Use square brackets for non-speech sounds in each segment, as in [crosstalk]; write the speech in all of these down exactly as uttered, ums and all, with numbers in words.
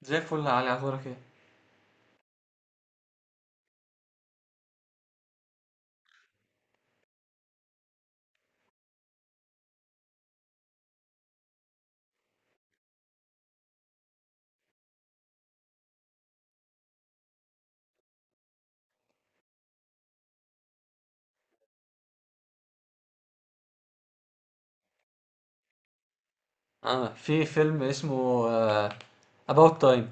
زي الفل يا علي اخبارك ايه. آه في فيلم اسمه آه About Time.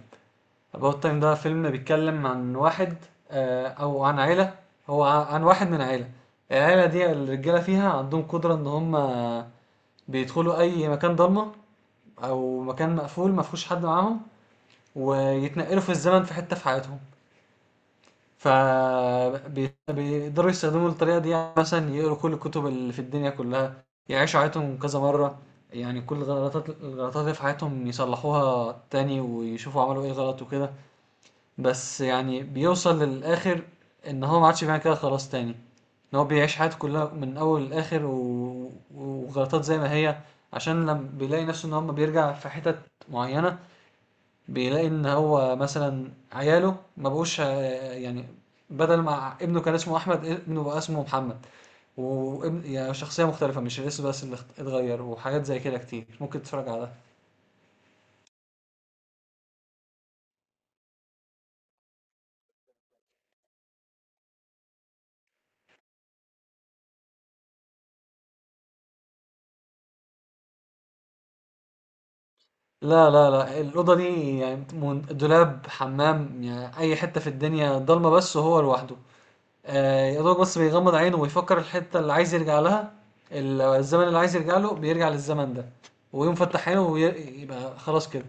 About Time ده فيلم بيتكلم عن واحد، آه او عن عيلة. هو ع- عن واحد من عيلة. العيلة دي الرجالة فيها عندهم قدرة ان هم بيدخلوا اي مكان ضلمة او مكان مقفول مفهوش حد معاهم، ويتنقلوا في الزمن في حتة في حياتهم. فبيقدروا يستخدموا الطريقة دي، يعني مثلا يقروا كل الكتب اللي في الدنيا كلها، يعيشوا حياتهم كذا مرة. يعني كل الغلطات، الغلطات اللي في حياتهم يصلحوها تاني ويشوفوا عملوا ايه غلط وكده. بس يعني بيوصل للآخر إن هو ما عادش بيعمل كده خلاص تاني، إن هو بيعيش حياته كلها من أول لآخر و... وغلطات زي ما هي. عشان لما بيلاقي نفسه إن هو ما بيرجع في حتت معينة، بيلاقي ان هو مثلا عياله ما بقوش، آه، يعني بدل ما ابنه كان اسمه احمد ابنه بقى اسمه محمد، وابن يعني شخصيه مختلفه، مش الاسم بس اللي اخت- اتغير، وحاجات زي كده كتير ممكن تتفرج على ده. لا لا لا، الاوضه دي يعني من- دولاب حمام، يعني اي حته في الدنيا ضلمه بس وهو لوحده. آه، يا دوب بس بيغمض عينه ويفكر الحته اللي عايز يرجع لها، ال- الزمن اللي عايز يرجع له بيرجع للزمن ده، ويقوم فتح عينه ويبقى خلاص كده.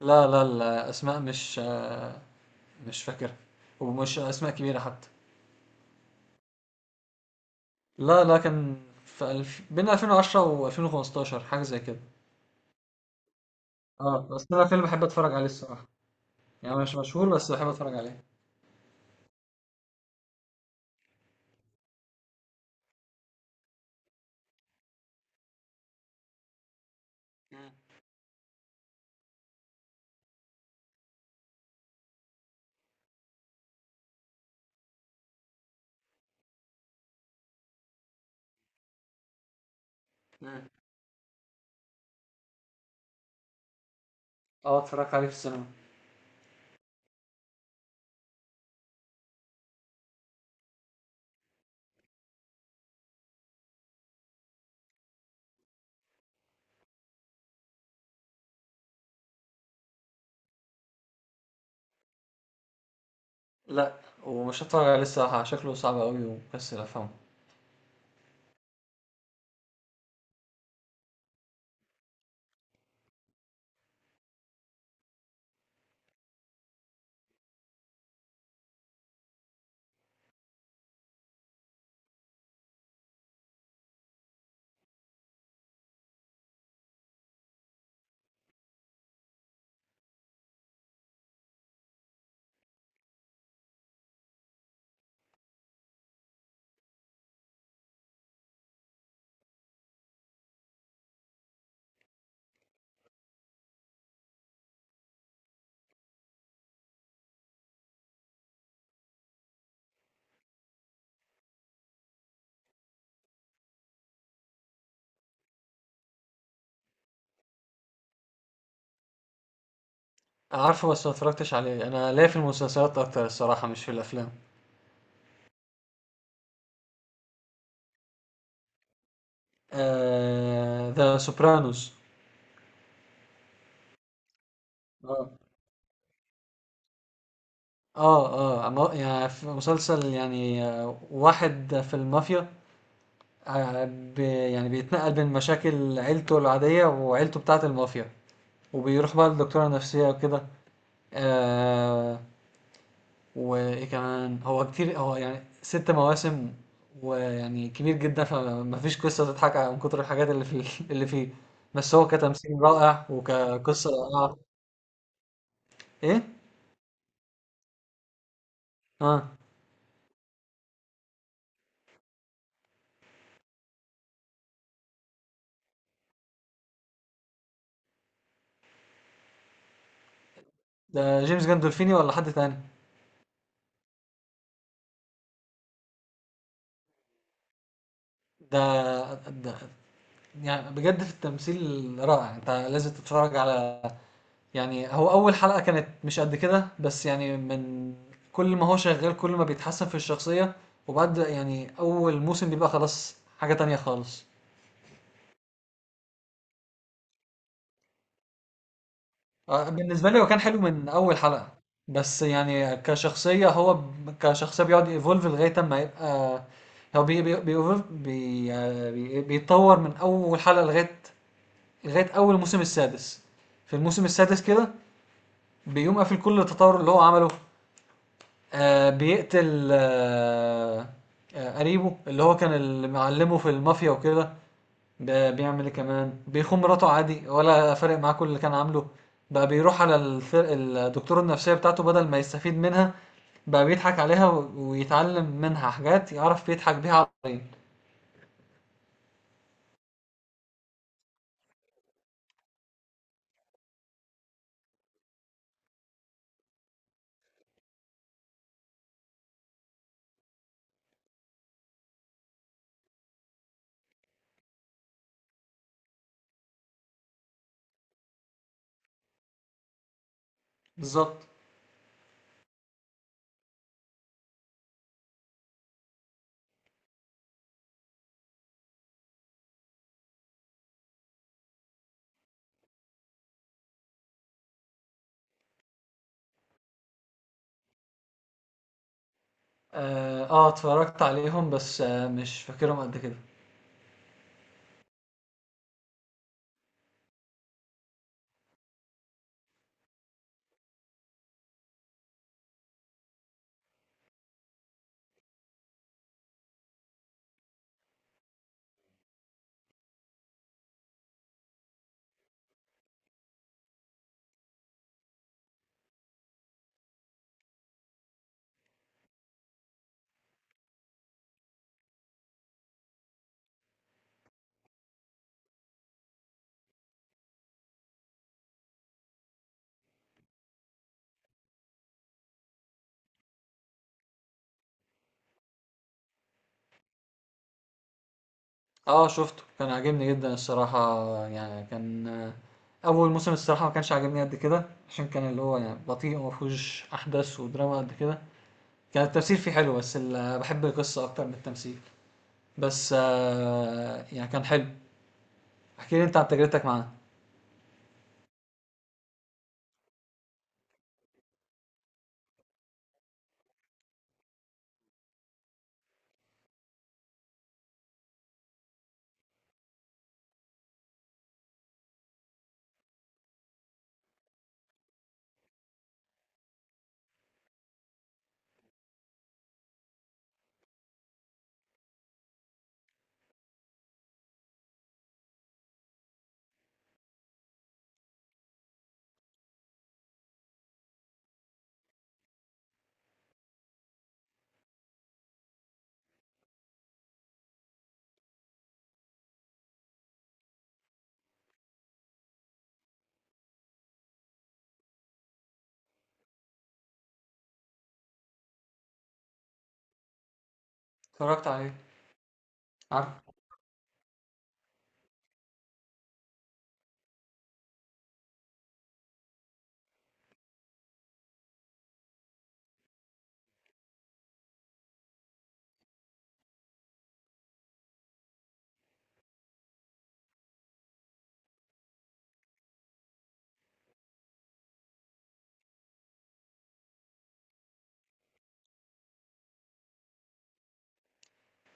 لا لا، الأسماء مش آه، مش فاكرها، ومش أسماء كبيرة حتى. لا لا كان في الف... بين ألفين وعشرة و2015 حاجة زي كده. اه بس أنا فيلم بحب أتفرج عليه الصراحة، يعني مش مشهور بس بحب أتفرج عليه. مم. مم. اه اتفرجت عليه في السينما. لا، ومش هتفرج عليه الصراحة، شكله صعب أوي ومكسل أفهمه. عارفه بس ما اتفرجتش عليه، أنا ليا في المسلسلات أكتر الصراحة مش في الأفلام. آه... ذا سوبرانوس. اه. اه أما- يعني في مسلسل، يعني آه، واحد في المافيا، آه، بي- يعني بيتنقل بين مشاكل عيلته العادية وعيلته بتاعة المافيا، وبيروح بقى للدكتورة النفسية وكده. آه، وإيه كمان، هو كتير، هو يعني ست مواسم ويعني كبير جدا، فمفيش قصة تضحك على- من كتر الحاجات اللي فيه [laughs] اللي فيه. بس هو كتمثيل رائع وكقصة رائعة. إيه؟ اه. ده جيمس جandolfini ولا حد تاني؟ ده ده يعني بجد في التمثيل رائع، انت لازم تتفرج على، يعني هو اول حلقة كانت مش قد كده، بس يعني من كل ما هو شغال كل ما بيتحسن في الشخصية، وبعد يعني اول موسم بيبقى خلاص حاجة تانية خالص. آه، بالنسبة لي هو كان حلو من اول حلقة، بس يعني كشخصية هو ب- كشخصية بيقعد يفولف لغاية ما يبقى، هو بي بي بي evolve- بي آه، بي- بيتطور من اول حلقة لغاية لغاية اول موسم السادس. في الموسم السادس كده بيقوم قافل كل التطور اللي هو عمله. آه بيقتل، آه آه قريبه اللي هو كان اللي معلمه في المافيا وكده. ده بيعمل ايه كمان، بيخون مراته عادي ولا فارق معاه كل اللي كان عامله، بقى بيروح على الفرق الدكتور النفسية بتاعته، بدل ما يستفيد منها بقى بيضحك عليها و- ويتعلم منها حاجات يعرف يضحك بيها على. بالظبط. اه، آه، اتفرجت عليهم بس آه مش فاكرهم قد كده. آه شُفته، كان عاجبني جدًا الصراحة، يعني كان، آه، أول موسم الصراحة ما كانش عاجبني قد كده، عشان كان اللي هو يعني بطيء وما فيهوش أحداث ودراما قد كده، كان التمثيل فيه حلو، بس ال باحب القصة أكتر من التمثيل، بس آه يعني كان حلو. احكِ لي أنت عن تجربتك معاه. اتفرجت على إيه؟ عارفه؟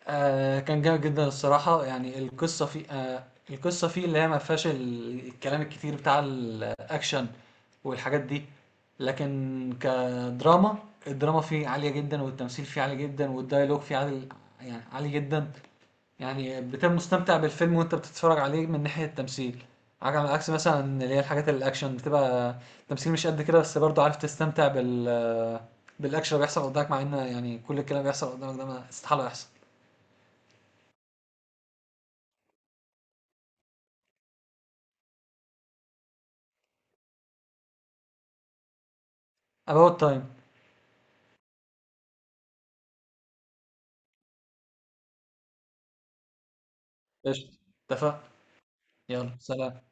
آه كان جامد جدا الصراحة، يعني القصة فيه آه القصة فيه اللي هي ما فيهاش ال- الكلام الكتير بتاع الأكشن والحاجات دي، لكن كدراما الدراما فيه عالية جدا، والتمثيل فيه عالي جدا، والديالوج فيه عالي، يعني عالي جدا. يعني بتبقى مستمتع بالفيلم وانت بتتفرج عليه من ناحية التمثيل، على عكس مثلا اللي هي الحاجات الأكشن بتبقى تمثيل مش قد كده، بس برضه عارف تستمتع بال... بالأكشن اللي بيحصل قدامك، مع إن يعني كل الكلام اللي بيحصل قدامك ده ما استحالة يحصل. About Time. قشطة، اتفقنا. يلا سلام.